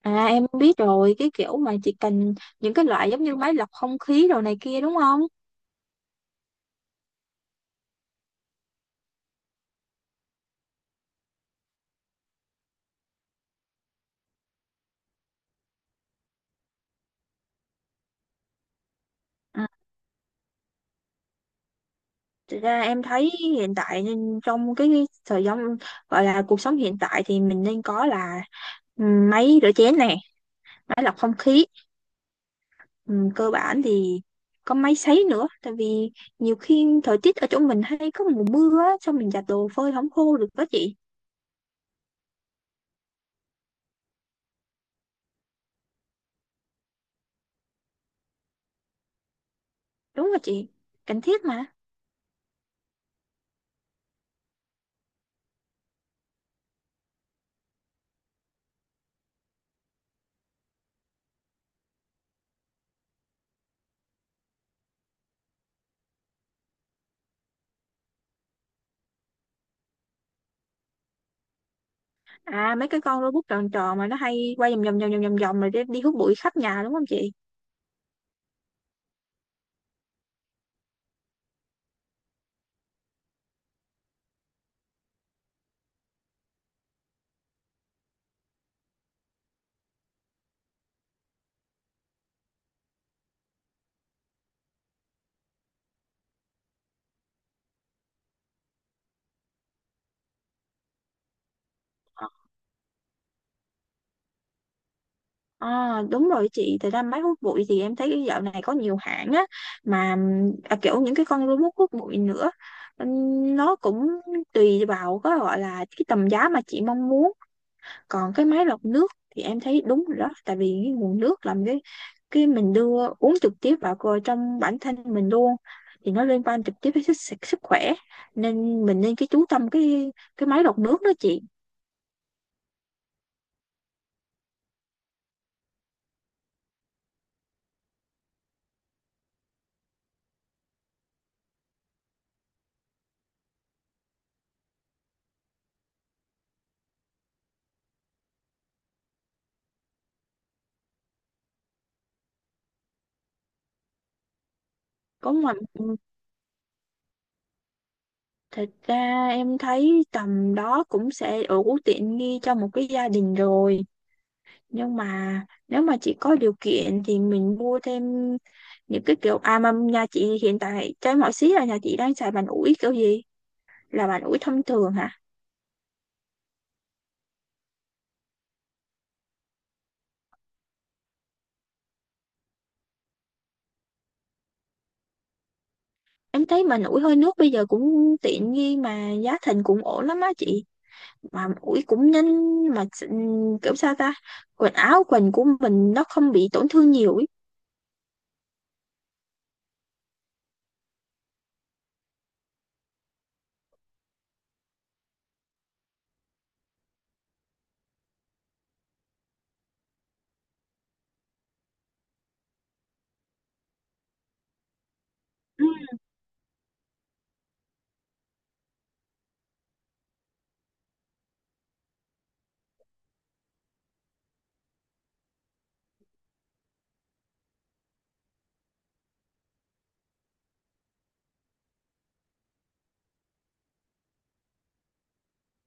À em biết rồi, cái kiểu mà chỉ cần những cái loại giống như máy lọc không khí đồ này kia đúng không? Ừ. Thực ra em thấy hiện tại nên trong cái thời gian gọi là cuộc sống hiện tại thì mình nên có là ừ, máy rửa chén nè, máy lọc không khí, ừ, cơ bản thì có máy sấy nữa, tại vì nhiều khi thời tiết ở chỗ mình hay có mùa mưa á, xong mình giặt đồ phơi không khô được đó chị, đúng rồi chị, cần thiết mà. À mấy cái con robot tròn tròn mà nó hay quay vòng vòng vòng vòng vòng vòng rồi đi đi hút bụi khắp nhà đúng không chị? À, đúng rồi chị, thật ra máy hút bụi thì em thấy dạo này có nhiều hãng á mà kiểu những cái con robot hút bụi nữa. Nó cũng tùy vào có gọi là cái tầm giá mà chị mong muốn, còn cái máy lọc nước thì em thấy đúng rồi đó, tại vì cái nguồn nước làm cái mình đưa uống trực tiếp vào trong bản thân mình luôn thì nó liên quan trực tiếp đến sức khỏe, nên mình nên cái chú tâm cái máy lọc nước đó chị. Có mà thật ra em thấy tầm đó cũng sẽ đủ tiện nghi cho một cái gia đình rồi. Nhưng mà nếu mà chị có điều kiện thì mình mua thêm những cái kiểu à mà nhà chị hiện tại trái mọi xí là nhà chị đang xài bàn ủi kiểu gì? Là bàn ủi thông thường hả? Em thấy bàn ủi hơi nước bây giờ cũng tiện nghi mà giá thành cũng ổn lắm á chị. Mà ủi cũng nhanh mà kiểu sao ta? Quần áo quần của mình nó không bị tổn thương nhiều ý.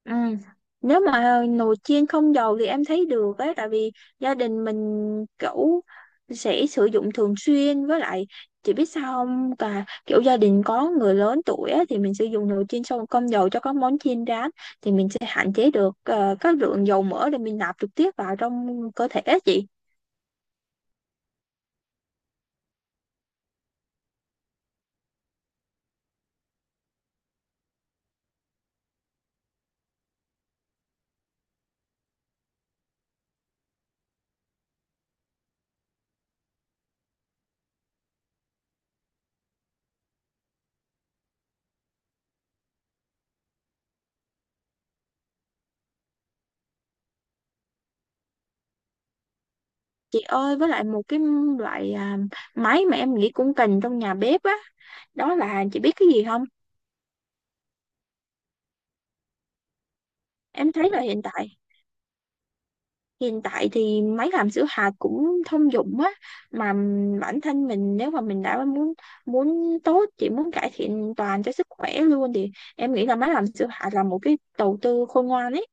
Ừ. Nếu mà nồi chiên không dầu thì em thấy được ấy, tại vì gia đình mình kiểu sẽ sử dụng thường xuyên, với lại chị biết sao không, cả kiểu gia đình có người lớn tuổi á, thì mình sử dụng nồi chiên xong không dầu cho các món chiên rán thì mình sẽ hạn chế được các lượng dầu mỡ để mình nạp trực tiếp vào trong cơ thể á chị. Chị ơi, với lại một cái loại máy mà em nghĩ cũng cần trong nhà bếp á, đó là chị biết cái gì không? Em thấy là hiện tại, hiện tại thì máy làm sữa hạt cũng thông dụng á, mà bản thân mình nếu mà mình đã muốn muốn tốt chỉ muốn cải thiện toàn cho sức khỏe luôn thì em nghĩ là máy làm sữa hạt là một cái đầu tư khôn ngoan ấy.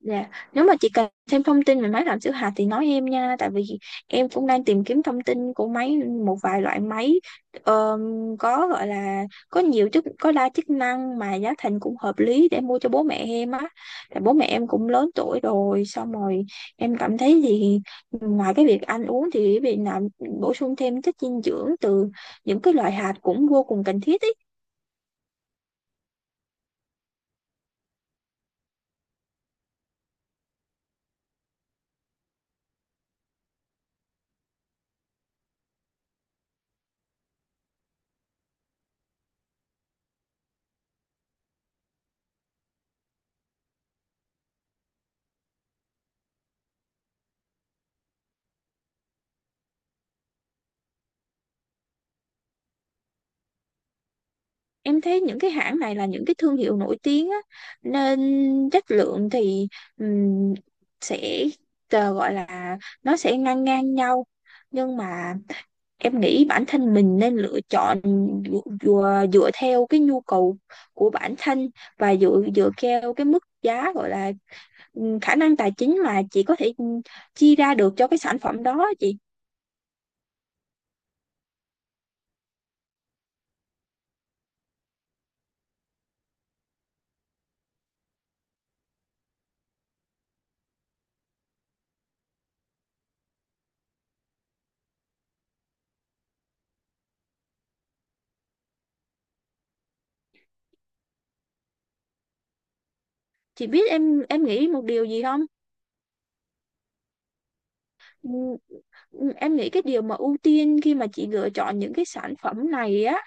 Dạ, nếu mà chị cần thêm thông tin về máy làm sữa hạt thì nói em nha, tại vì em cũng đang tìm kiếm thông tin của máy một vài loại máy ờm, có gọi là có nhiều có đa chức năng mà giá thành cũng hợp lý để mua cho bố mẹ em á. Tại bố mẹ em cũng lớn tuổi rồi, xong rồi em cảm thấy thì ngoài cái việc ăn uống thì việc làm bổ sung thêm chất dinh dưỡng từ những cái loại hạt cũng vô cùng cần thiết ý. Em thấy những cái hãng này là những cái thương hiệu nổi tiếng á, nên chất lượng thì ừm, sẽ gọi là nó sẽ ngang ngang nhau. Nhưng mà em nghĩ bản thân mình nên lựa chọn dựa theo cái nhu cầu của bản thân và dựa dựa theo cái mức giá, gọi là khả năng tài chính mà chị có thể chi ra được cho cái sản phẩm đó chị. Chị biết em nghĩ một điều gì không? Ừ, em nghĩ cái điều mà ưu tiên khi mà chị lựa chọn những cái sản phẩm này á,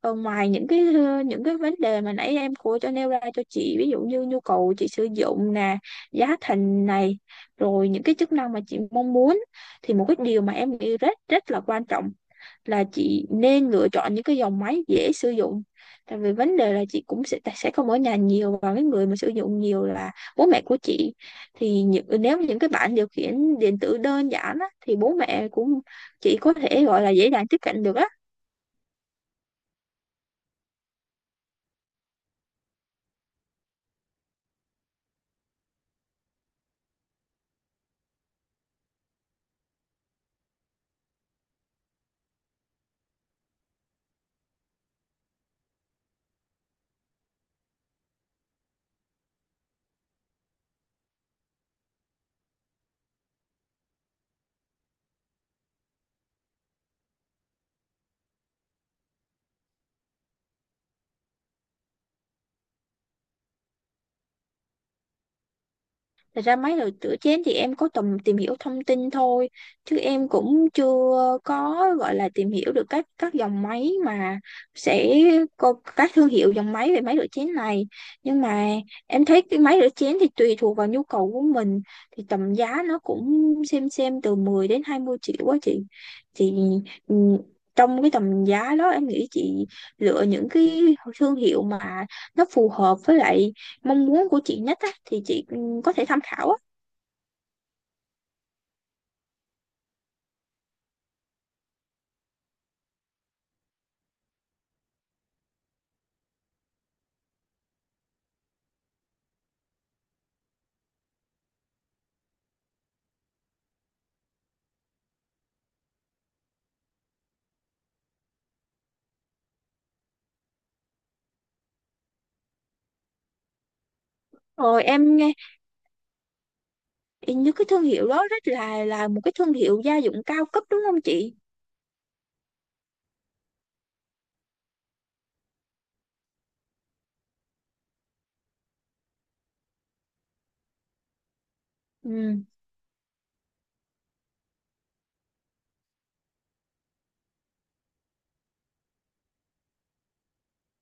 ờ, ngoài những cái những cái vấn đề mà nãy em cô cho nêu ra cho chị, ví dụ như nhu cầu chị sử dụng nè, giá thành này, rồi những cái chức năng mà chị mong muốn, thì một cái điều mà em nghĩ rất rất là quan trọng là chị nên lựa chọn những cái dòng máy dễ sử dụng, tại vì vấn đề là chị cũng sẽ không ở nhà nhiều và cái người mà sử dụng nhiều là bố mẹ của chị, thì những, nếu những cái bảng điều khiển điện tử đơn giản á, thì bố mẹ cũng chị có thể gọi là dễ dàng tiếp cận được á. Thật ra mấy đồ rửa chén thì em có tầm tìm hiểu thông tin thôi, chứ em cũng chưa có gọi là tìm hiểu được các dòng máy mà sẽ có các thương hiệu dòng máy về máy rửa chén này, nhưng mà em thấy cái máy rửa chén thì tùy thuộc vào nhu cầu của mình thì tầm giá nó cũng xem từ 10 đến 20 triệu quá chị, thì ừ, trong cái tầm giá đó em nghĩ chị lựa những cái thương hiệu mà nó phù hợp với lại mong muốn của chị nhất á, thì chị ừ, có thể tham khảo á. Rồi em nghe như cái thương hiệu đó rất là một cái thương hiệu gia dụng cao cấp đúng không chị? Ừ.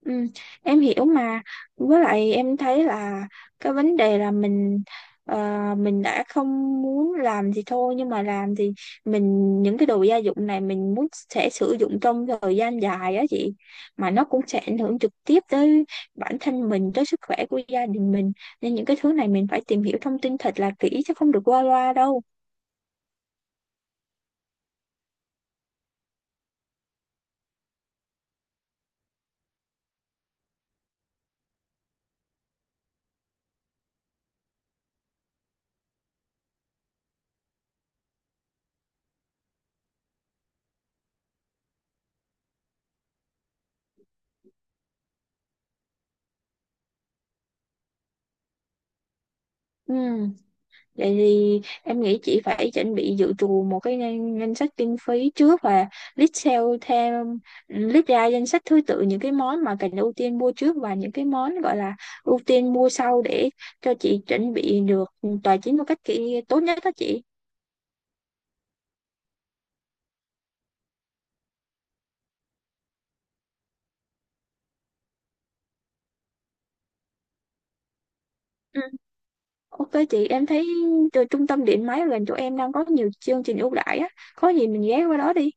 Ừ, em hiểu mà, với lại em thấy là cái vấn đề là mình ờ, mình đã không muốn làm gì thôi, nhưng mà làm thì mình những cái đồ gia dụng này mình muốn sẽ sử dụng trong thời gian dài á chị, mà nó cũng sẽ ảnh hưởng trực tiếp tới bản thân mình, tới sức khỏe của gia đình mình, nên những cái thứ này mình phải tìm hiểu thông tin thật là kỹ chứ không được qua loa đâu. Ừ. Vậy thì em nghĩ chị phải chuẩn bị dự trù một cái ngân sách kinh phí trước và list sale theo list ra danh sách thứ tự những cái món mà cần ưu tiên mua trước và những cái món gọi là ưu tiên mua sau để cho chị chuẩn bị được tài chính một cách tốt nhất đó chị. Ừ. Ok chị, em thấy từ trung tâm điện máy gần chỗ em đang có nhiều chương trình ưu đãi á, có gì mình ghé qua đó đi.